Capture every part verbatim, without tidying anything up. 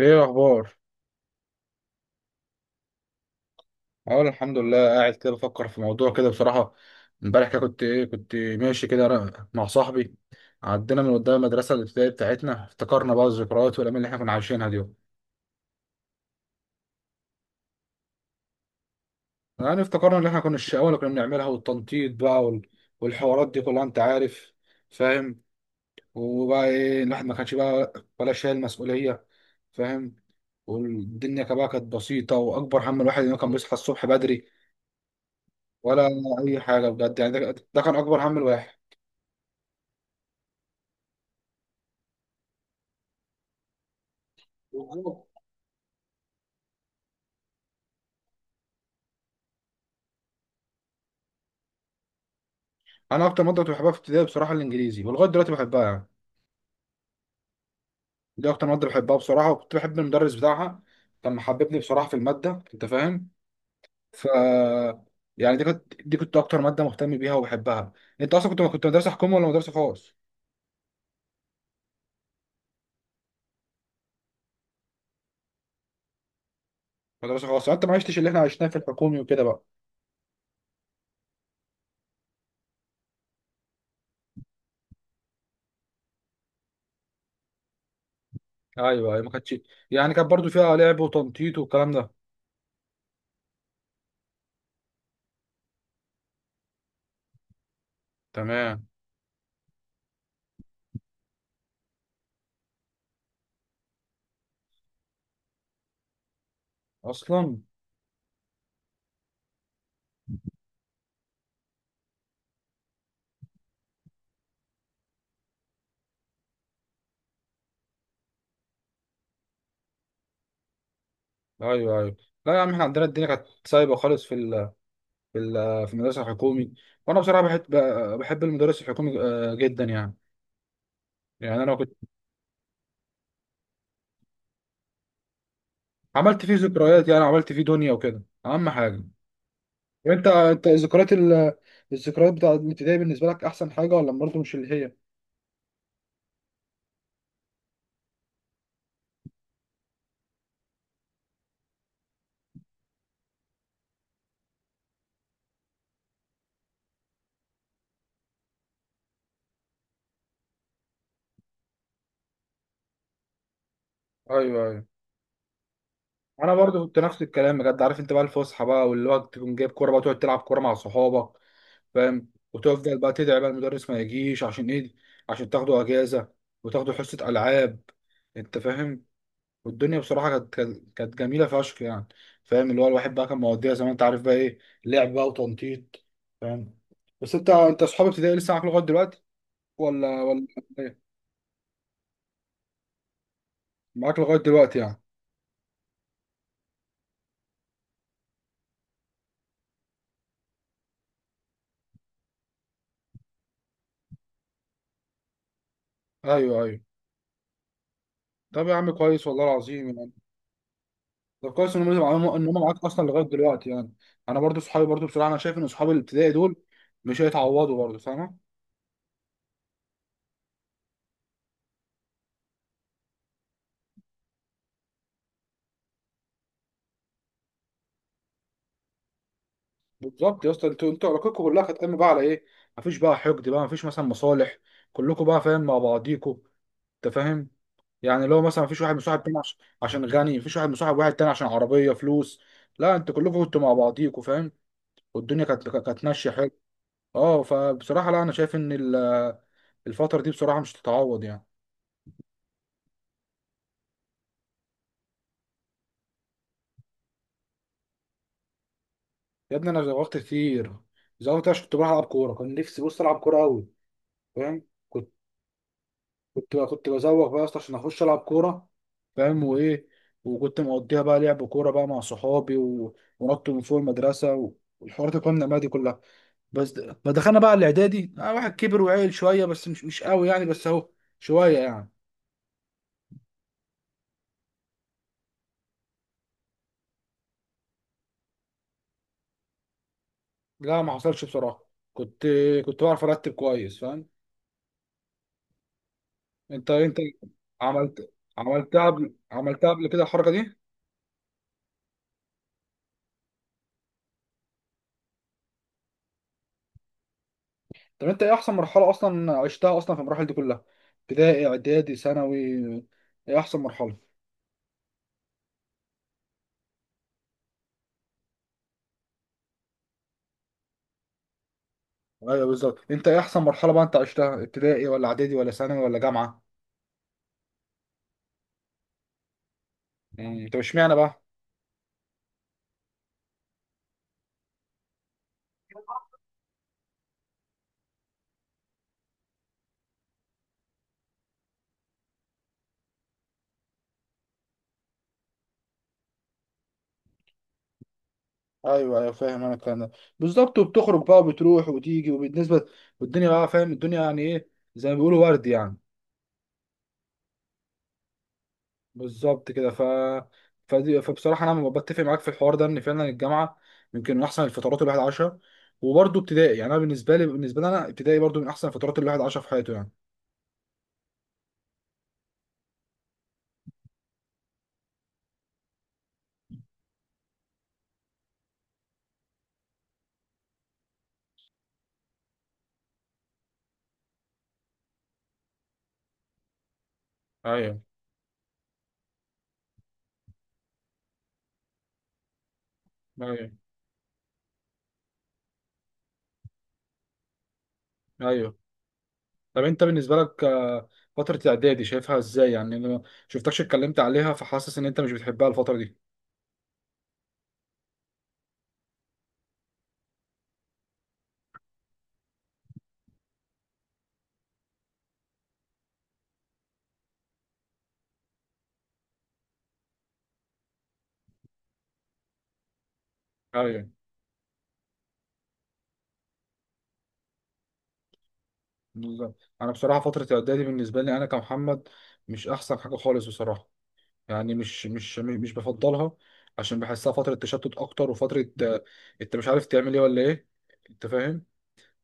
ايه الاخبار؟ اقول الحمد لله، قاعد كده بفكر في موضوع كده بصراحه. امبارح كده كنت ايه كنت ماشي كده أنا مع صاحبي. عدينا من قدام المدرسه الابتدائيه بتاعتنا، افتكرنا بقى الذكريات والايام اللي احنا كنا عايشينها دي. يعني افتكرنا اللي احنا كنا الشقاوه اللي كنا بنعملها والتنطيط بقى وال- والحوارات دي كلها، انت عارف، فاهم. وبقى ايه الواحد ما كانش بقى ولا شايل مسؤوليه، فاهم. والدنيا كمان كانت بسيطه، واكبر هم الواحد انه كان بيصحى الصبح بدري ولا اي حاجه، بجد يعني. ده ده كان اكبر هم الواحد. بالظبط. انا اكتر ماده كنت بحبها في ابتدائي بصراحه الانجليزي، ولغايه دلوقتي بحبها يعني. دي اكتر ماده بحبها بصراحه، وكنت بحب المدرس بتاعها، كان محببني بصراحه في الماده، انت فاهم. ف يعني دي كنت دي كنت اكتر ماده مهتم بيها وبحبها. انت اصلا كنت كنت مدرسه حكومه ولا مدرسه خاص؟ مدرسه خاص يعني انت ما عشتش اللي احنا عشناه في الحكومي وكده بقى. ايوه، ايوه، ما كانتش يعني كانت برضو فيها لعب وتنطيط والكلام ده، تمام، اصلا، ايوه، ايوه. لا يا عم، احنا عندنا الدنيا كانت سايبه خالص، في في ال- في المدرسه الحكومي. وانا بصراحه بحب بحب المدرس الحكومي آه، جدا يعني. يعني انا كنت عملت فيه ذكريات، يعني عملت فيه دنيا وكده، اهم حاجه. وانت انت الذكريات ال- الذكريات بتاعت الابتدائي بالنسبه لك احسن حاجه، ولا برضه مش اللي هي؟ ايوه، ايوه. انا برضه كنت نفس الكلام، بجد. عارف انت بقى الفسحه بقى، واللي هو تكون جايب كوره بقى، تقعد تلعب كوره مع صحابك، فاهم، وتفضل بقى تدعي بقى المدرس ما يجيش، عشان ايه، عشان تاخدوا اجازه وتاخدوا حصه العاب، انت فاهم. والدنيا بصراحه كانت كانت كانت جميله فشخ يعني. فاهم؟ اللي هو الواحد بقى كان مواضيع زي ما انت عارف بقى ايه، لعب بقى وتنطيط، فاهم. بس انت انت اصحاب ابتدائي لسه معاك لغايه دلوقتي، ولا ولا؟ إيه؟ معاك لغايه دلوقتي يعني؟ ايوه، ايوه. طب يا عم كويس، والله العظيم يعني. طب كويس ان هم ان هم معاك اصلا لغايه دلوقتي يعني. انا برضو صحابي، برضو بصراحه انا شايف ان صحابي الابتدائي دول مش هيتعوضوا برضو، فاهم. بالظبط يا اسطى، انتوا انتوا علاقتكم كلها كانت قايمه بقى على ايه؟ مفيش بقى حقد بقى، مفيش مثلا مصالح، كلكم بقى فاهم مع بعضيكوا، انت فاهم. يعني اللي هو مثلا مفيش واحد مصاحب تاني عش- عشان غني، مفيش واحد مصاحب واحد تاني عشان عربية فلوس. لا انت كلكم كنتوا مع بعضيكوا، فاهم. والدنيا كانت كانت ماشية حلو. اه، فبصراحة لا انا شايف ان ال- الفترة دي بصراحة مش تتعوض يعني. يا ابني انا زوغت كتير، زوغت عشان كنت بروح العب كورة، كان نفسي بص العب كورة قوي، فاهم. كنت كنت كنت بزوغ بقى اصلا عشان اخش العب كورة، فاهم، وايه، وكنت مقضيها بقى لعب كورة بقى مع صحابي و... ونط من فوق المدرسة والحوارات القمة دي كلها. بس ما دخلنا بقى الاعدادي، آه واحد كبر وعيل شويه، بس مش مش قوي يعني، بس اهو شويه يعني. لا ما حصلش بصراحه، كنت كنت بعرف ارتب كويس، فاهم. انت انت عملت عملتها قبل عملتها قبل كده الحركه دي. طب انت ايه احسن مرحله اصلا عشتها اصلا في المراحل دي كلها، ابتدائي، اعدادي، ثانوي، ايه احسن مرحله؟ ايوه، بالظبط، انت ايه احسن مرحله بقى انت عشتها، ابتدائي ولا اعدادي ولا ثانوي ولا جامعه؟ مم، طب اشمعنى بقى؟ ايوه، ايوه، فاهم انا الكلام ده، بالظبط. وبتخرج بقى وبتروح وتيجي وبالنسبه والدنيا بقى، فاهم الدنيا يعني ايه، زي ما بيقولوا ورد يعني. بالظبط كده. ف فدي فبصراحه انا م- بتفق معاك في الحوار ده ان فعلا الجامعه يمكن من احسن الفترات الواحد عاشها. وبرده ابتدائي، يعني انا بالنسبه لي بالنسبه لي انا ابتدائي برده من احسن الفترات الواحد عاشها في حياته يعني. ايوه، ايوه، ايوه. طب انت بالنسبه لك آه، فتره الاعدادي شايفها ازاي يعني؟ انا ما شفتكش اتكلمت عليها، فحاسس ان انت مش بتحبها الفتره دي. ايوه، بالظبط، انا بصراحه فتره الاعدادي بالنسبه لي انا كمحمد مش احسن حاجه خالص بصراحه. يعني مش مش مش بفضلها، عشان بحسها فتره تشتت اكتر، وفتره آه، انت مش عارف تعمل ايه ولا ايه، انت فاهم.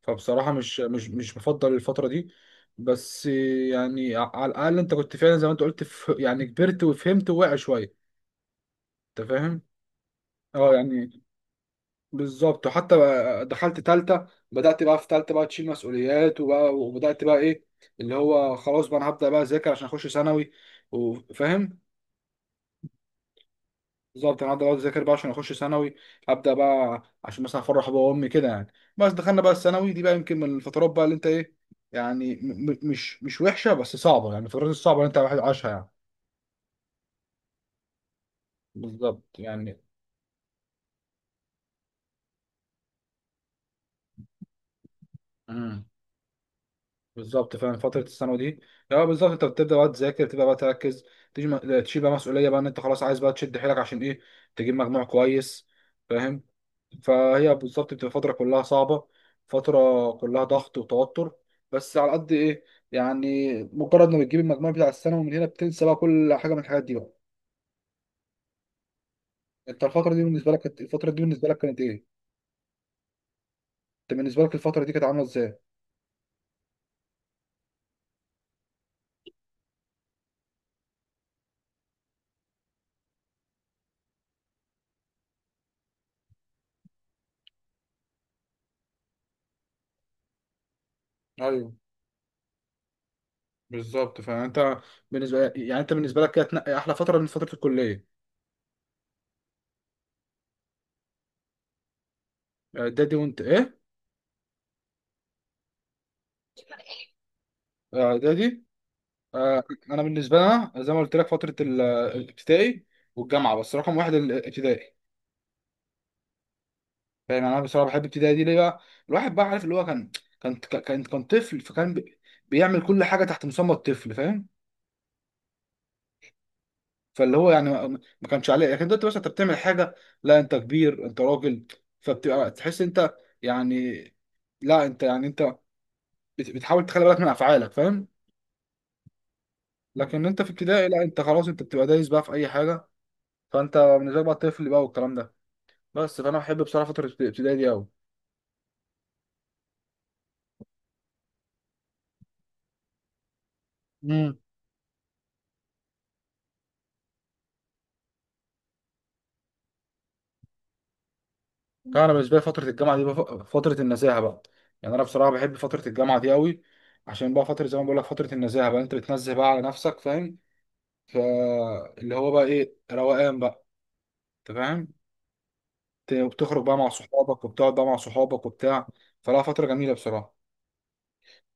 فبصراحه مش مش مش بفضل الفتره دي. بس آه، يعني ع- على الاقل انت كنت فعلا زي ما انت قلت، ف... يعني كبرت وفهمت وواعي شويه، انت فاهم. اه يعني بالظبط. وحتى بقى دخلت تالتة، بدأت بقى في تالتة بقى تشيل مسؤوليات، وبقى وبدأت بقى ايه، اللي هو خلاص بقى انا هبدأ بقى اذاكر عشان اخش ثانوي، وفاهم، بالظبط. انا هبدأ بقى اذاكر بقى عشان اخش ثانوي، هبدأ بقى عشان مثلا افرح بابا وامي كده يعني. بس دخلنا بقى الثانوي دي بقى، يمكن من الفترات بقى اللي انت ايه يعني، م م مش مش وحشة بس صعبة، يعني الفترات الصعبة اللي انت واحد عاشها يعني. بالظبط يعني. مم. بالظبط، فعلا فترة الثانوي دي، لا بالظبط انت بتبدأ بقى تذاكر، تبدأ بقى تركز، تيجي م- تشيل بقى مسؤولية بقى ان انت خلاص عايز بقى تشد حيلك عشان ايه، تجيب مجموع كويس، فاهم. فهي بالظبط بتبقى فترة كلها صعبة، فترة كلها ضغط وتوتر. بس على قد ايه، يعني مجرد ما بتجيب المجموع بتاع الثانوي من هنا، بتنسى بقى كل حاجة من الحاجات دي بقى. انت الفترة دي بالنسبة لك كانت الفترة دي بالنسبة لك كانت ايه؟ انت بالنسبة لك الفترة دي كانت عاملة ازاي؟ ايوه، بالظبط، فانت، بالنسبة يعني انت بالنسبة لك كانت احلى فترة من فترة الكلية، اعدادي وانت ايه، اعدادي آه، انا بالنسبه لنا زي ما قلت لك، فتره ال- الابتدائي والجامعه، بس رقم واحد الابتدائي، فاهم يعني. انا بصراحه بحب الابتدائي دي ليه بقى؟ الواحد بقى عارف اللي هو كان كان كان كان طفل، فكان بي- بيعمل كل حاجه تحت مسمى الطفل، فاهم. فاللي هو يعني ما ما كانش عليه. لكن دلوقتي بس انت بتعمل حاجه، لا انت كبير، انت راجل، فبتبقى تحس انت يعني، لا انت يعني انت بت- بتحاول تخلي بالك من افعالك، فاهم. لكن انت في ابتدائي لا انت خلاص، انت بتبقى دايس بقى في اي حاجه، فانت بالنسبه لك بقى الطفل بقى والكلام ده بس. فانا بحب بصراحه فتره الابتدائي دي قوي. امم، طبعا. انا بالنسبه لي فتره الجامعه دي بف- فتره النزاهه بقى، يعني انا بصراحه بحب فتره الجامعه دي قوي، عشان بقى فتره زي ما بقول لك فتره النزاهه بقى، انت بتنزه بقى على نفسك، فاهم. فاللي هو بقى ايه، روقان بقى، انت فاهم. ت- بتخرج بقى مع صحابك وبتقعد بقى مع صحابك وبتاع. فلا فتره جميله بصراحه.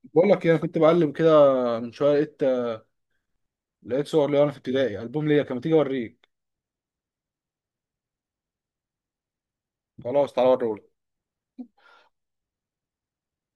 بقول لك ايه، انا كنت بقلب كده من شويه، لقيت لقيت صور ليا وانا في ابتدائي، البوم ليا، كان ما تيجي اوريك. خلاص تعالى اوريهولك.